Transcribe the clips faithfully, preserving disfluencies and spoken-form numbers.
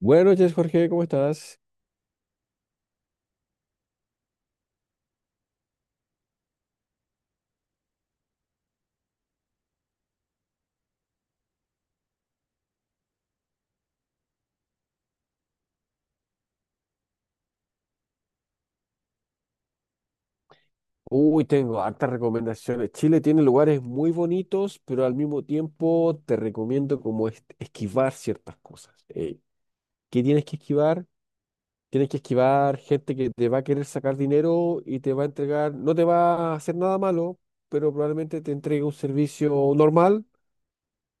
Buenas noches, Jorge, ¿cómo estás? Uy, tengo hartas recomendaciones. Chile tiene lugares muy bonitos, pero al mismo tiempo te recomiendo como es esquivar ciertas cosas. Eh, ¿qué tienes que esquivar? Tienes que esquivar gente que te va a querer sacar dinero y te va a entregar, no te va a hacer nada malo, pero probablemente te entregue un servicio normal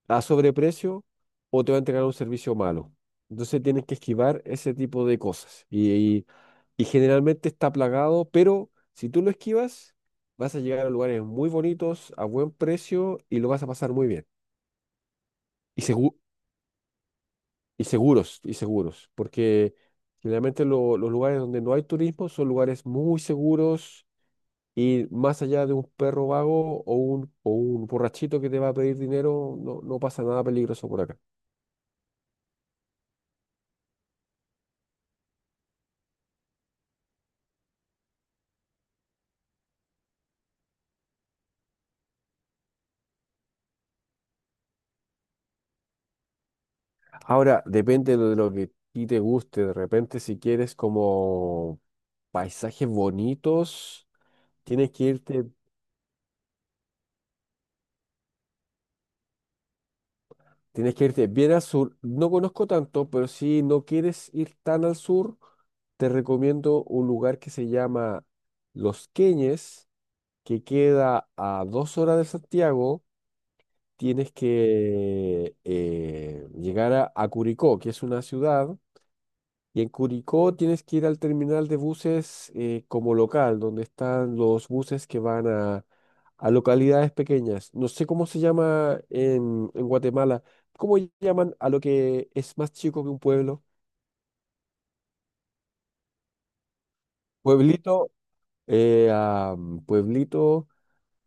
a sobreprecio o te va a entregar un servicio malo. Entonces tienes que esquivar ese tipo de cosas. Y, y- y generalmente está plagado, pero si tú lo esquivas, vas a llegar a lugares muy bonitos, a buen precio y lo vas a pasar muy bien. Y, segu- y seguros, y seguros, porque generalmente lo- los lugares donde no hay turismo son lugares muy seguros. Y más allá de un perro vago o un, o un borrachito que te va a pedir dinero, no, no pasa nada peligroso por acá. Ahora, depende de lo que a ti te guste. De repente, si quieres como paisajes bonitos, tienes que irte, tienes que irte bien al sur. No conozco tanto, pero si no quieres ir tan al sur, te recomiendo un lugar que se llama Los Queñes, que queda a dos horas de Santiago. Tienes que eh, llegar a, a Curicó, que es una ciudad. Y en Curicó tienes que ir al terminal de buses, eh, como local, donde están los buses que van a, a localidades pequeñas. No sé cómo se llama en, en Guatemala. ¿Cómo llaman a lo que es más chico que un pueblo? Pueblito, eh, a, mm, pueblito,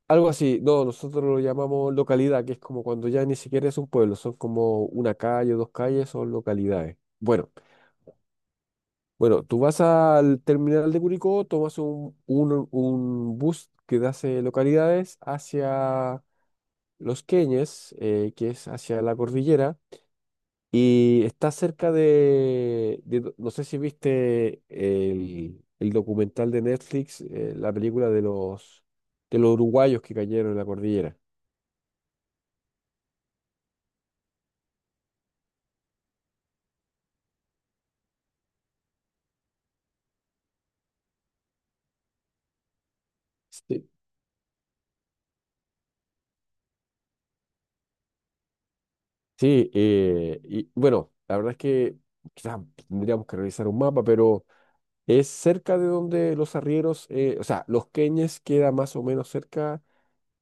algo así. No, nosotros lo llamamos localidad, que es como cuando ya ni siquiera es un pueblo, son como una calle, dos calles, son localidades. Bueno, Bueno, tú vas al terminal de Curicó, tomas un, un- un bus que te hace localidades hacia Los Queñes, eh, que es hacia la cordillera, y está cerca de, de do- no sé si viste el, el documental de Netflix, eh, la película de los, de los uruguayos que cayeron en la cordillera. Sí, sí, eh, y bueno, la verdad es que quizás tendríamos que revisar un mapa. Pero... Es cerca de donde los arrieros, eh, o sea, Los Queñes queda más o menos cerca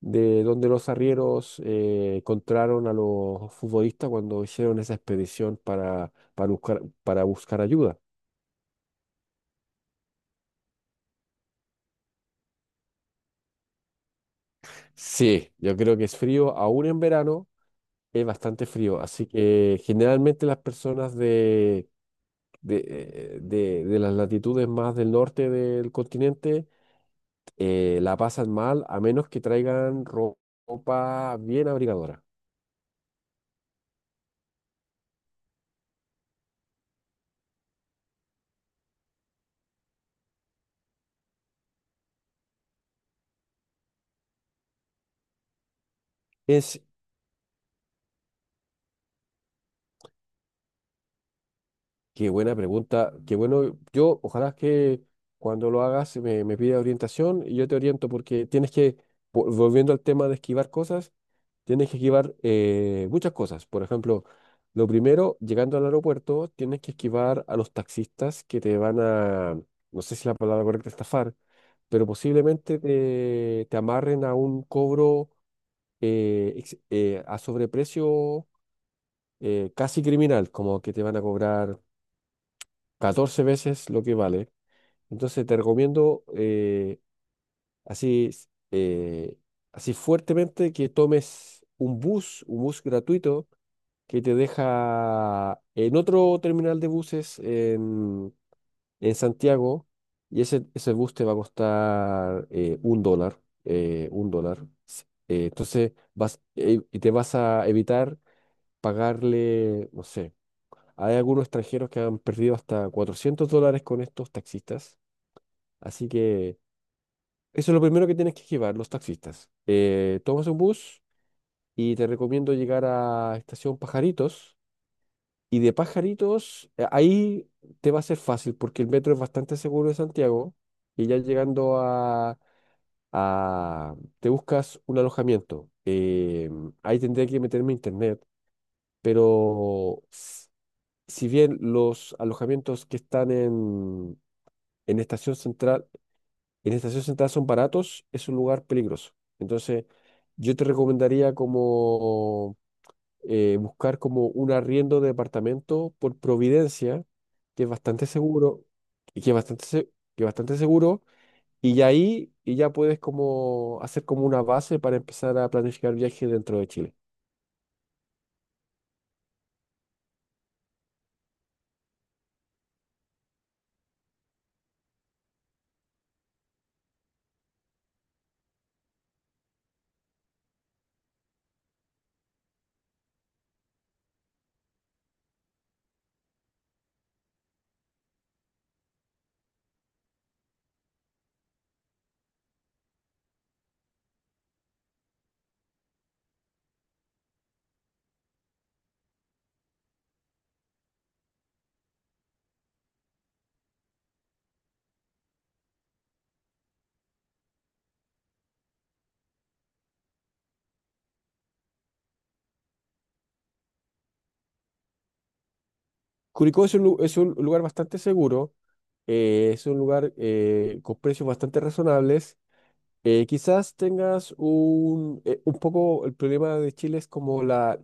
de donde los arrieros eh, encontraron a los futbolistas cuando hicieron esa expedición para, para buscar, para buscar ayuda. Sí, yo creo que es frío, aún en verano es bastante frío, así que generalmente las personas de, de, eh, de- de las latitudes más del norte del continente eh, la pasan mal a menos que traigan ro- ropa bien abrigadora. Es, Qué buena pregunta, qué bueno, yo ojalá que cuando lo hagas me, me pida orientación y yo te oriento porque tienes que, po- volviendo al tema de esquivar cosas, tienes que esquivar, eh, muchas cosas. Por ejemplo, lo primero, llegando al aeropuerto, tienes que esquivar a los taxistas que te van a, no sé si la palabra correcta es estafar, pero posiblemente te, te amarren a un cobro, eh, ex- eh, a sobreprecio, eh, casi criminal, como que te van a cobrar catorce veces lo que vale. Entonces te recomiendo, eh, así, eh, así fuertemente, que tomes un bus, un bus gratuito que te deja en otro terminal de buses en, en Santiago, y ese, ese bus te va a costar eh, un dólar, eh, un dólar. S- eh, entonces vas, eh, y te vas a evitar pagarle, no sé. Hay algunos extranjeros que han perdido hasta cuatrocientos dólares con estos taxistas. Así que eso es lo primero que tienes que esquivar, los taxistas. Eh, tomas un bus y te recomiendo llegar a Estación Pajaritos. Y de Pajaritos, eh, ahí te va a ser fácil porque el metro es bastante seguro de Santiago. Y ya llegando a, a- te buscas un alojamiento. Eh, ahí tendría que meterme a internet, pero, s- si bien los alojamientos que están en, en Estación Central, en estación sentadas son baratos, es un lugar peligroso. Entonces, yo te recomendaría como, eh, buscar como un arriendo de departamento por Providencia, que es bastante seguro, y que es bastante, se- que es bastante seguro, y ya ahí y ya puedes como hacer como una base para empezar a planificar viajes dentro de Chile. Curicó es un, lu- es un lugar bastante seguro, eh, es un lugar, eh, con precios bastante razonables. Eh, quizás tengas un, eh, un poco, el problema de Chile es como la,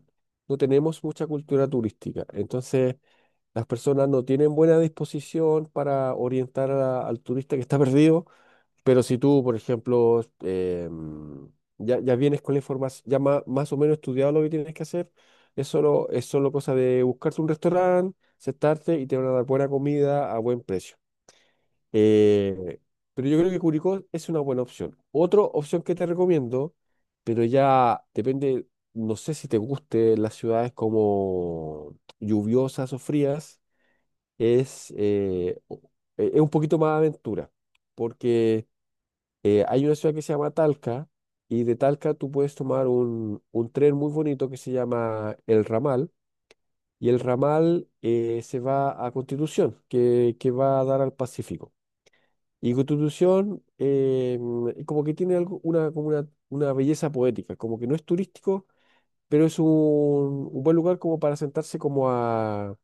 no tenemos mucha cultura turística, entonces las personas no tienen buena disposición para orientar a- al turista que está perdido, pero si tú, por ejemplo, eh, ya, ya vienes con la información, ya ma- más o menos estudiado lo que tienes que hacer, es solo, es solo cosa de buscarte un restaurante, sentarte y te van a dar buena comida a buen precio. Eh, pero yo creo que Curicó es una buena opción. Otra opción que te recomiendo, pero ya depende, no sé si te guste las ciudades como lluviosas o frías, es, eh, o- eh, es un poquito más aventura, porque, eh, hay una ciudad que se llama Talca, y de Talca tú puedes tomar un, un tren muy bonito que se llama El Ramal, y el Ramal, eh, se va a Constitución, que, que va a dar al Pacífico. Y Constitución, eh, como que tiene algo, una, como una, una belleza poética, como que no es turístico, pero es un, un buen lugar como para sentarse como a,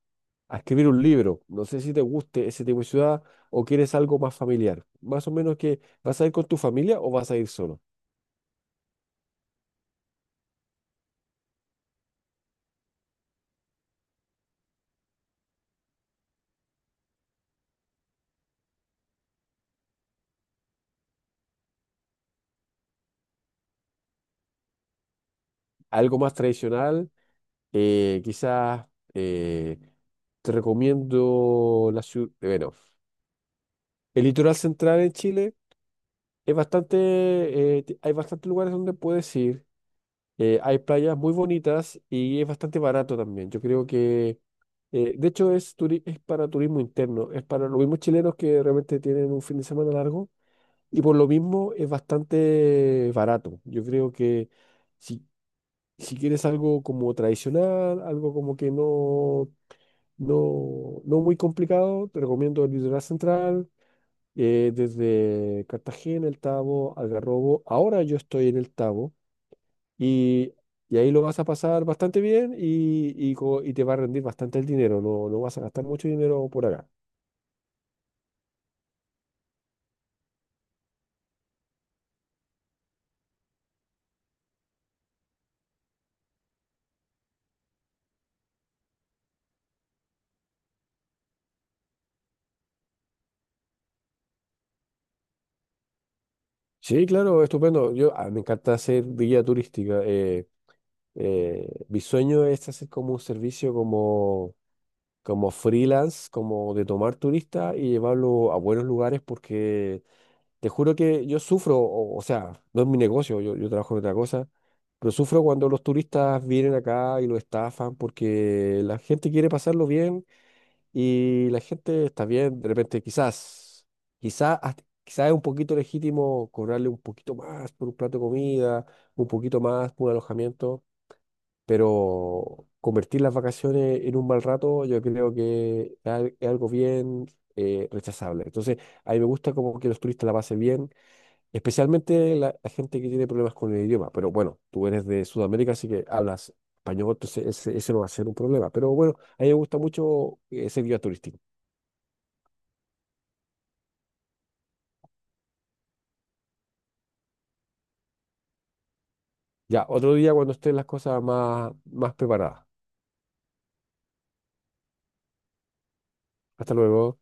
a escribir un libro. No sé si te guste ese tipo de ciudad o quieres algo más familiar. Más o menos que vas a ir con tu familia o vas a ir solo. Algo más tradicional, eh, quizás, eh, te recomiendo la ciudad, bueno, el litoral central en Chile. Es bastante, eh, ti- Hay bastantes lugares donde puedes ir. Eh, hay playas muy bonitas y es bastante barato también. Yo creo que, eh, de hecho, es, turi- es para turismo interno, es para los mismos chilenos que realmente tienen un fin de semana largo, y por lo mismo es bastante barato. Yo creo que si, si quieres algo como tradicional, algo como que no, no, no muy complicado, te recomiendo el Litoral Central, eh, desde Cartagena, El Tabo, Algarrobo. Ahora yo estoy en El Tabo y, y ahí lo vas a pasar bastante bien, y, y, co- y te va a rendir bastante el dinero, no, no vas a gastar mucho dinero por acá. Sí, claro, estupendo. Yo, ah, me encanta hacer guía turística. Eh, eh, mi sueño es hacer como un servicio como, como freelance, como de tomar turistas y llevarlo a buenos lugares, porque te juro que yo sufro, o, o sea, no es mi negocio, yo, yo trabajo en otra cosa. Pero sufro cuando los turistas vienen acá y lo estafan, porque la gente quiere pasarlo bien. Y la gente está bien, de repente quizás, quizás, quizás es un poquito legítimo cobrarle un poquito más por un plato de comida, un poquito más por un alojamiento, pero convertir las vacaciones en un mal rato yo creo que es al- es algo bien, eh, rechazable. Entonces, a mí me gusta como que los turistas la pasen bien, especialmente la, la gente que tiene problemas con el idioma, pero bueno, tú eres de Sudamérica, así que hablas español, entonces ese, ese no va a ser un problema, pero bueno, a mí me gusta mucho, eh, ser guía turístico. Ya, otro día cuando estén las cosas más, más preparadas. Hasta luego.